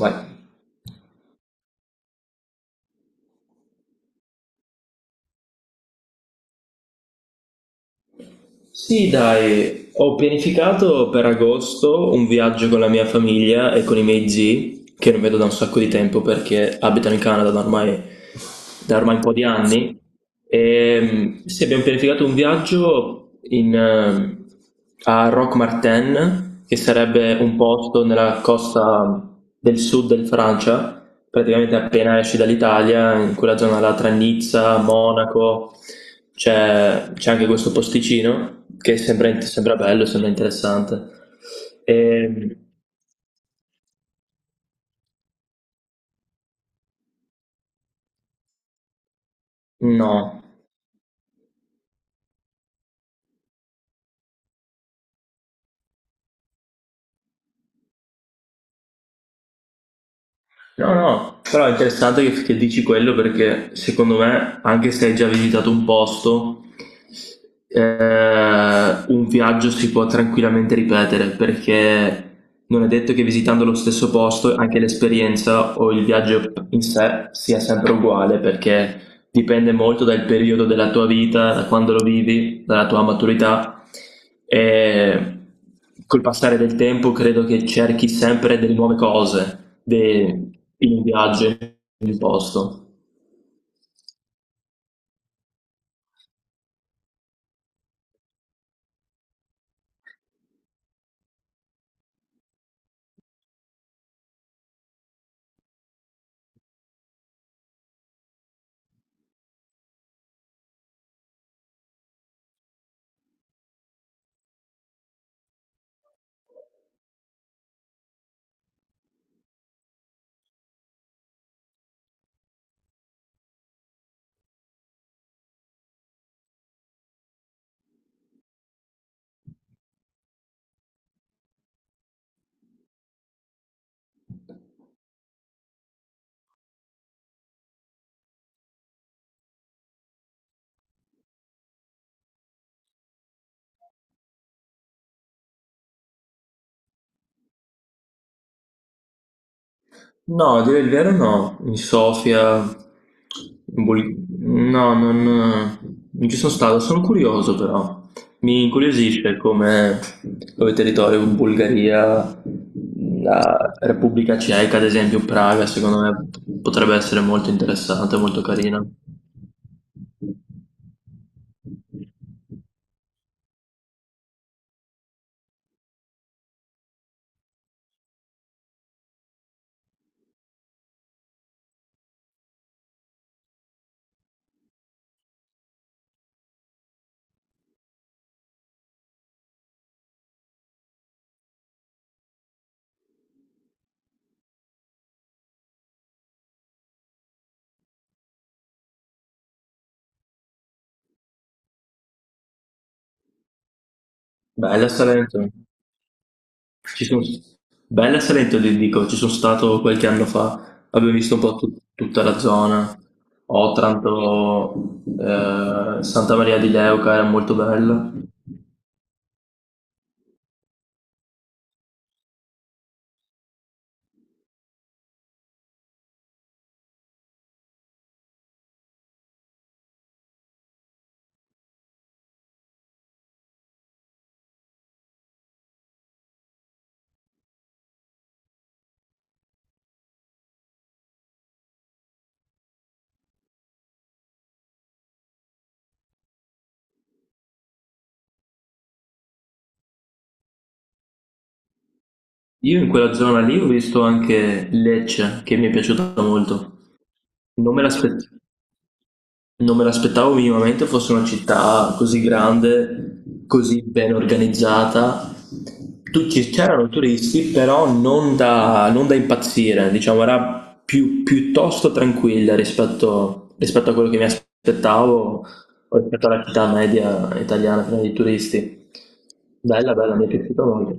Vai. Sì, dai, ho pianificato per agosto un viaggio con la mia famiglia e con i miei zii, che non vedo da un sacco di tempo perché abitano in Canada da ormai un po' di anni. Sì, abbiamo pianificato un viaggio a Roque Martin, che sarebbe un posto nella costa del sud del Francia, praticamente appena esci dall'Italia, in quella zona là tra Nizza, Monaco, c'è anche questo posticino che sembra bello, sembra interessante. E, no. No, no, però è interessante che, dici quello perché secondo me, anche se hai già visitato un posto, un viaggio si può tranquillamente ripetere perché non è detto che visitando lo stesso posto anche l'esperienza o il viaggio in sé sia sempre uguale, perché dipende molto dal periodo della tua vita, da quando lo vivi, dalla tua maturità, e col passare del tempo credo che cerchi sempre delle nuove cose in un viaggio, in un posto. No, a dire il vero no, in Sofia, in Bul- no, non, non ci sono stato, sono curioso però, mi incuriosisce come territorio, Bulgaria, la Repubblica Ceca, ad esempio Praga, secondo me potrebbe essere molto interessante, molto carina. Bella Salento. Ci son Bella Salento ti dico, ci sono stato qualche anno fa, abbiamo visto un po' tutta la zona, Otranto, Santa Maria di Leuca era molto bella. Io in quella zona lì ho visto anche Lecce, che mi è piaciuta molto. Non me l'aspettavo. Non me l'aspettavo minimamente fosse una città così grande, così ben organizzata. Tutti c'erano turisti, però non da impazzire, diciamo, piuttosto tranquilla rispetto a quello che mi aspettavo, o rispetto alla città media italiana piena di turisti. Bella, bella, mi è piaciuta molto.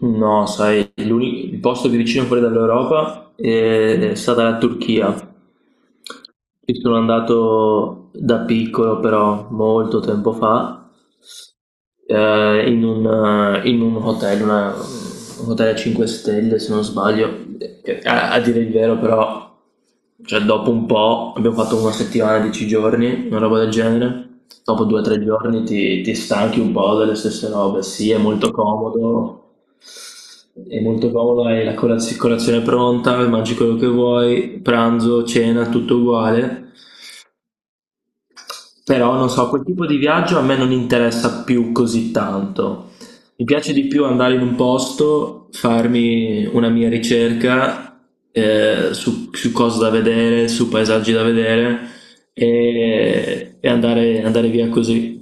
No, sai, il posto più vicino fuori dall'Europa è stata la Turchia. Ci sono andato da piccolo, però molto tempo fa. In un hotel, una un hotel a 5 stelle se non sbaglio, che a dire il vero però, cioè dopo un po' abbiamo fatto una settimana, 10 giorni, una roba del genere, dopo 2 o 3 giorni ti stanchi un po' delle stesse robe. Sì, è molto comodo, è molto comodo, hai la colazione pronta, mangi quello che vuoi, pranzo, cena, tutto uguale. Però non so, quel tipo di viaggio a me non interessa più così tanto. Mi piace di più andare in un posto, farmi una mia ricerca su cose da vedere, su paesaggi da vedere, e andare, andare via così.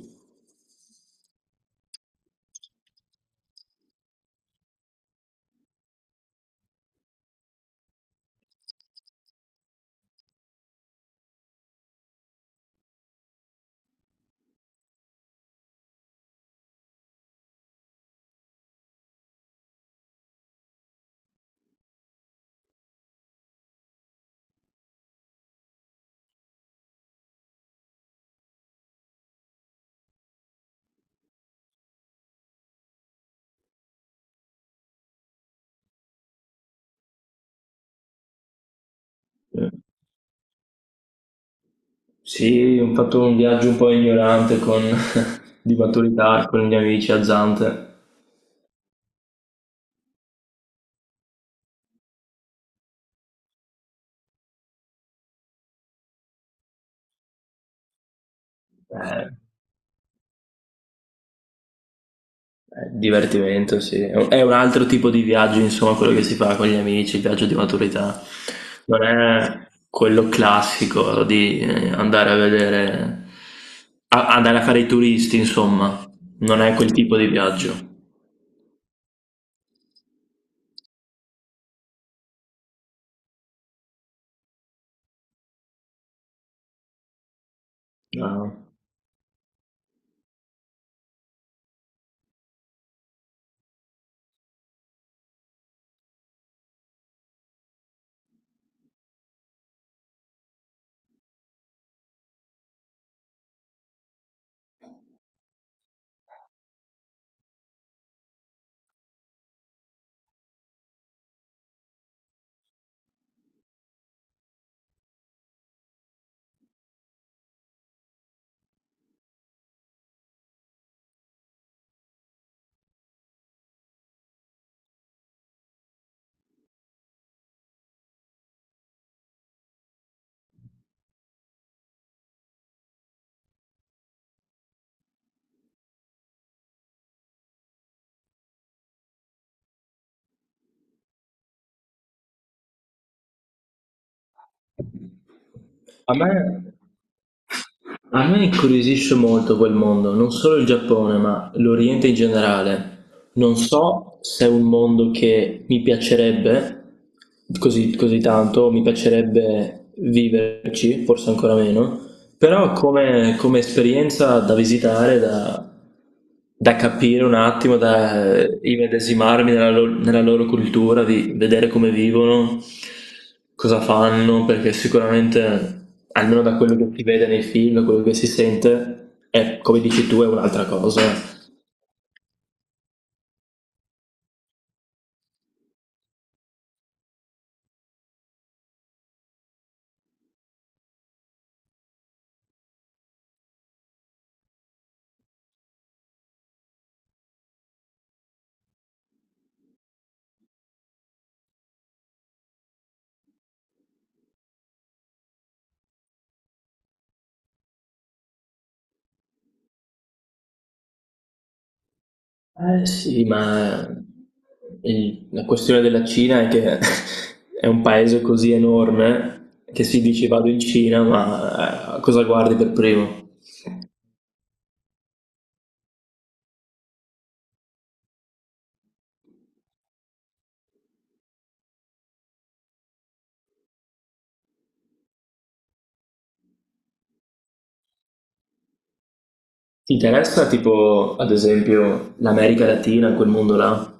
Eh, Sì, ho fatto un viaggio un po' ignorante di maturità con gli amici a Zante. Eh, Divertimento, sì. È un altro tipo di viaggio, insomma, quello che si fa con gli amici, il viaggio di maturità. Non è quello classico di andare a fare i turisti, insomma. Non è quel tipo di viaggio. No. A me, A me incuriosisce molto quel mondo, non solo il Giappone, ma l'Oriente in generale. Non so se è un mondo che mi piacerebbe così tanto, mi piacerebbe viverci, forse ancora meno, però come esperienza da visitare, da capire un attimo, da immedesimarmi nella loro cultura, di vedere come vivono, cosa fanno, perché sicuramente, almeno da quello che si vede nei film, da quello che si sente, è, come dici tu, è un'altra cosa. Eh sì, ma la questione della Cina è che è un paese così enorme che si dice vado in Cina, ma cosa guardi per primo? Ti interessa tipo, ad esempio, l'America Latina, quel mondo là?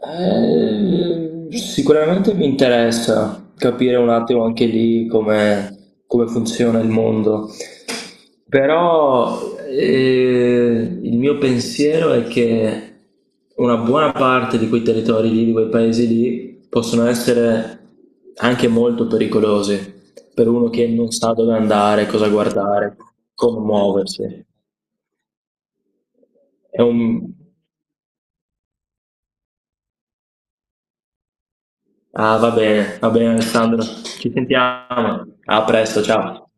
Sicuramente mi interessa capire un attimo anche lì come, come funziona il mondo, però il mio pensiero è che una buona parte di quei territori lì, di quei paesi lì, possono essere anche molto pericolosi per uno che non sa dove andare, cosa guardare, come muoversi. È un, Ah, va bene Alessandro. Ci sentiamo. A presto, ciao.